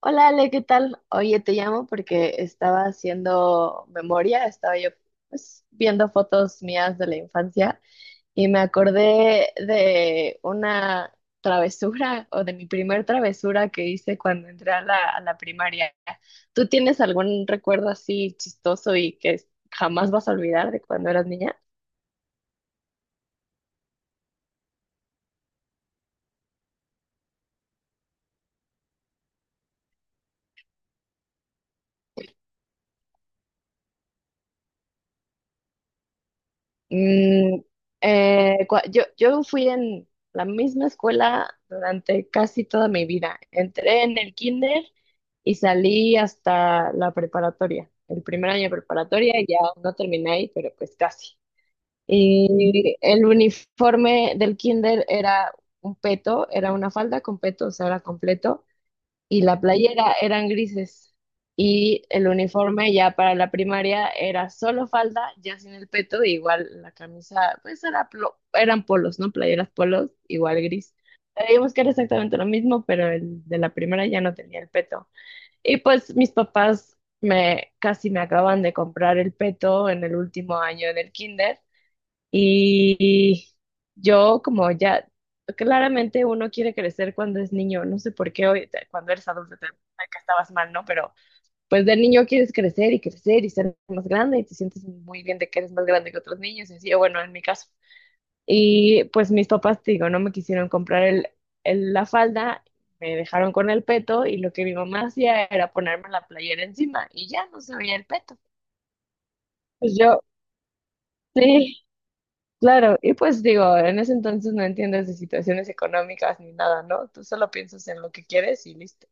Hola Ale, ¿qué tal? Oye, te llamo porque estaba haciendo memoria, estaba yo, pues, viendo fotos mías de la infancia y me acordé de una travesura o de mi primer travesura que hice cuando entré a la primaria. ¿Tú tienes algún recuerdo así chistoso y que jamás vas a olvidar de cuando eras niña? Mm, yo fui en la misma escuela durante casi toda mi vida. Entré en el kinder y salí hasta la preparatoria, el primer año de preparatoria, y ya no terminé ahí, pero pues casi. Y el uniforme del kinder era un peto, era una falda con peto, o sea, era completo y la playera eran grises, y el uniforme ya para la primaria era solo falda, ya sin el peto, e igual la camisa, pues era eran polos, ¿no? Playeras polos, igual gris. Sabíamos que era exactamente lo mismo, pero el de la primera ya no tenía el peto. Y pues mis papás me casi me acaban de comprar el peto en el último año del kinder. Y yo como ya, claramente uno quiere crecer cuando es niño, no sé por qué hoy, cuando eres adulto, te das cuenta que estabas mal, ¿no? Pero pues de niño quieres crecer y crecer y ser más grande y te sientes muy bien de que eres más grande que otros niños, y así, o bueno, en mi caso. Y pues mis papás, te digo, no me quisieron comprar el, la falda, me dejaron con el peto y lo que mi mamá hacía era ponerme la playera encima y ya no se veía el peto. Pues yo, sí. Claro, y pues digo, en ese entonces no entiendes de situaciones económicas ni nada, ¿no? Tú solo piensas en lo que quieres y listo.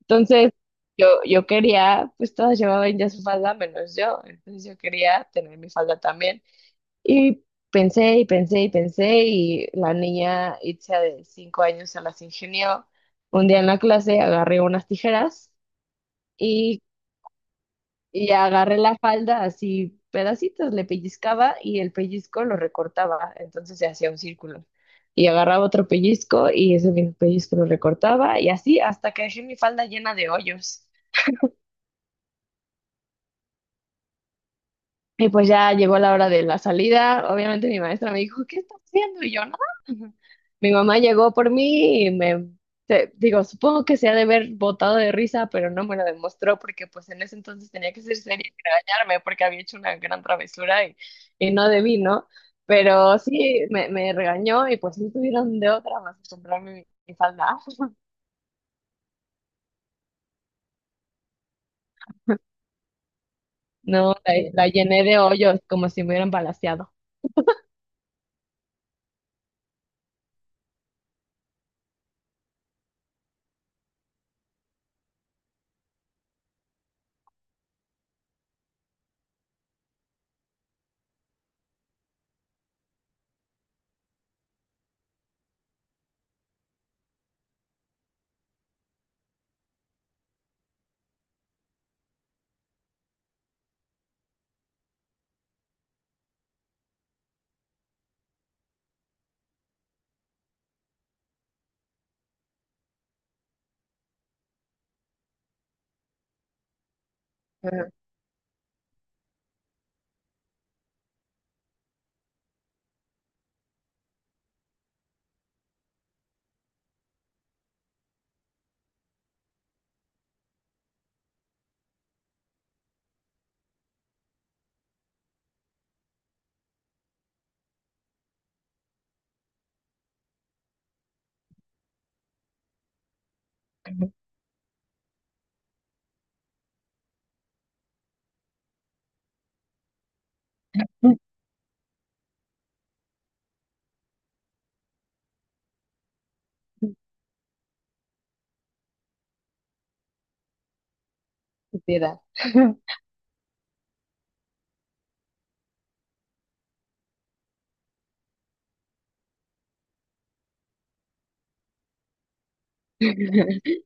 Entonces, yo quería, pues todas llevaban ya su falda menos yo, entonces yo quería tener mi falda también. Y pensé y pensé y pensé y la niña Itzia de 5 años se las ingenió. Un día en la clase agarré unas tijeras y agarré la falda así pedacitos, le pellizcaba y el pellizco lo recortaba, entonces se hacía un círculo. Y agarraba otro pellizco y ese mismo pellizco lo recortaba y así hasta que dejé mi falda llena de hoyos. Y pues ya llegó la hora de la salida. Obviamente mi maestra me dijo, ¿qué estás haciendo? Y yo, nada. Mi mamá llegó por mí y digo, supongo que se ha de haber botado de risa, pero no me lo demostró porque pues en ese entonces tenía que ser seria y regañarme porque había hecho una gran travesura, y no debí, ¿no? Pero sí, me regañó y pues no tuvieron de otra más que comprarme mi falda. No, la llené de hoyos como si me hubieran balaceado. Ajá. Estúpida.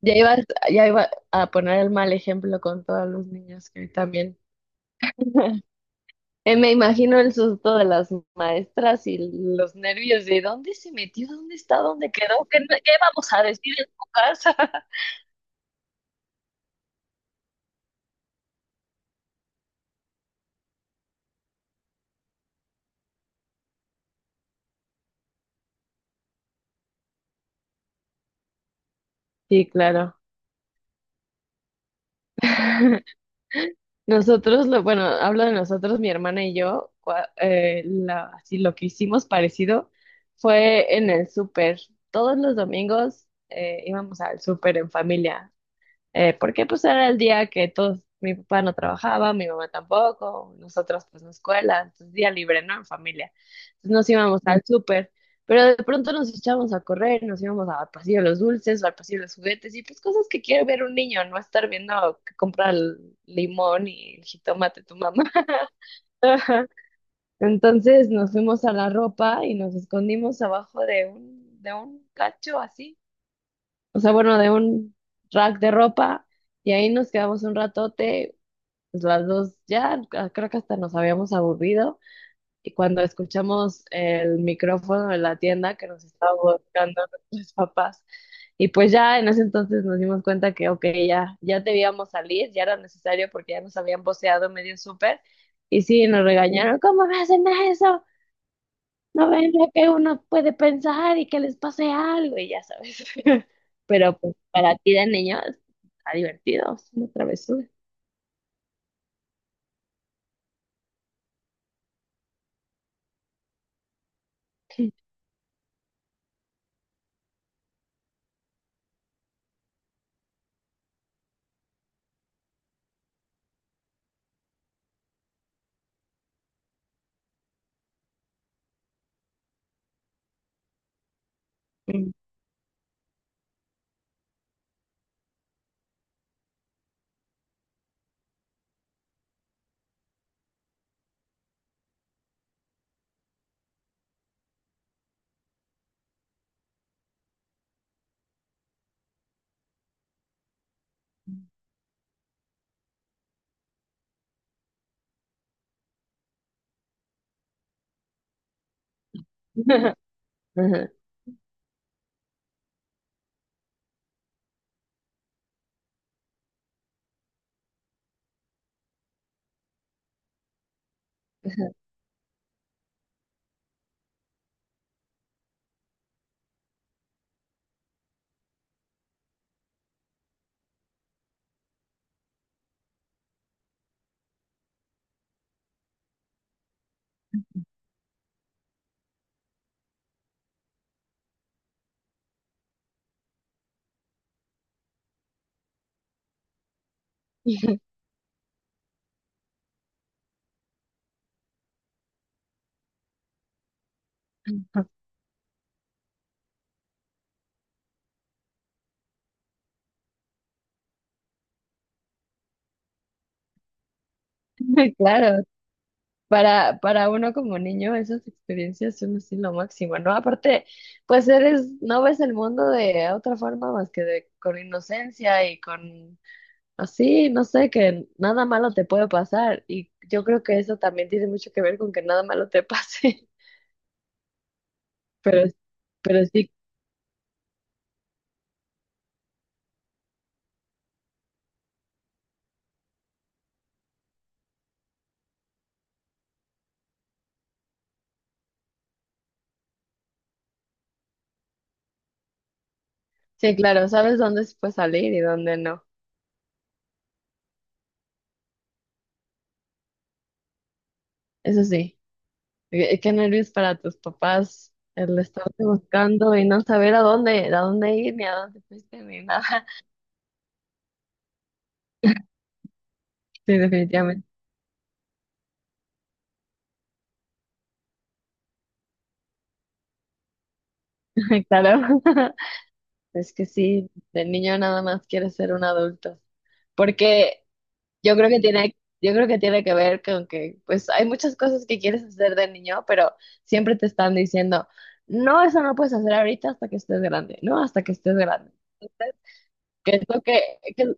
Ya iba, ya iba a poner el mal ejemplo con todos los niños que también. Me imagino el susto de las maestras y los nervios de dónde se metió, dónde está, dónde quedó, qué, no, qué vamos a decir en tu casa. Sí, claro. Nosotros, bueno, hablo de nosotros, mi hermana y yo, así lo que hicimos parecido fue en el súper. Todos los domingos, íbamos al súper en familia. Porque pues era el día que todos, mi papá no trabajaba, mi mamá tampoco, nosotros pues no escuela, entonces día libre, ¿no? En familia. Entonces nos íbamos al súper, pero de pronto nos echábamos a correr, nos íbamos al pasillo de los dulces o al pasillo de los juguetes y pues cosas que quiere ver un niño, no estar viendo que compra el limón y el jitomate tu mamá. Entonces nos fuimos a la ropa y nos escondimos abajo de un cacho así, o sea, bueno, de un rack de ropa y ahí nos quedamos un ratote, pues las dos ya, ah, creo que hasta nos habíamos aburrido, y cuando escuchamos el micrófono de la tienda que nos estaba buscando nuestros papás y pues ya en ese entonces nos dimos cuenta que, ok, ya debíamos salir, ya era necesario porque ya nos habían voceado medio súper, y sí, nos regañaron. ¿Cómo me hacen eso? No ven lo que uno puede pensar y que les pase algo y ya sabes. Pero pues para ti de niño está divertido, es una travesura. Mm. Ajá. Claro, para uno como niño esas experiencias son así lo máximo, ¿no? Aparte, pues eres, no ves el mundo de otra forma más que de, con inocencia y con así, no sé, que nada malo te puede pasar. Y yo creo que eso también tiene mucho que ver con que nada malo te pase. Pero, pero sí. Sí, claro, sabes dónde se puede salir y dónde no. Eso sí, qué nervios para tus papás el estarte buscando y no saber a dónde ir, ni a dónde fuiste, ni nada. Sí, definitivamente, claro. Es que sí, de niño nada más quiere ser un adulto. Porque yo creo que tiene que ver con que, pues, hay muchas cosas que quieres hacer de niño, pero siempre te están diciendo, no, eso no puedes hacer ahorita hasta que estés grande, no, hasta que estés grande. Entonces, ¿Qué es lo que, qué es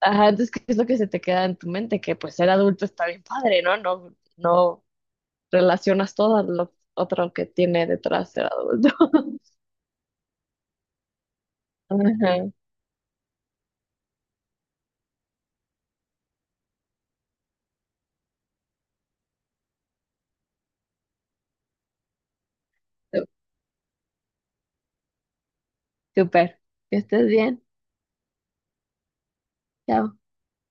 Ajá, entonces, ¿qué es lo que se te queda en tu mente? Que pues ser adulto está bien padre, ¿no? No, no relacionas todo lo otro que tiene detrás ser adulto. Ajá, súper. Que estés bien. Chao.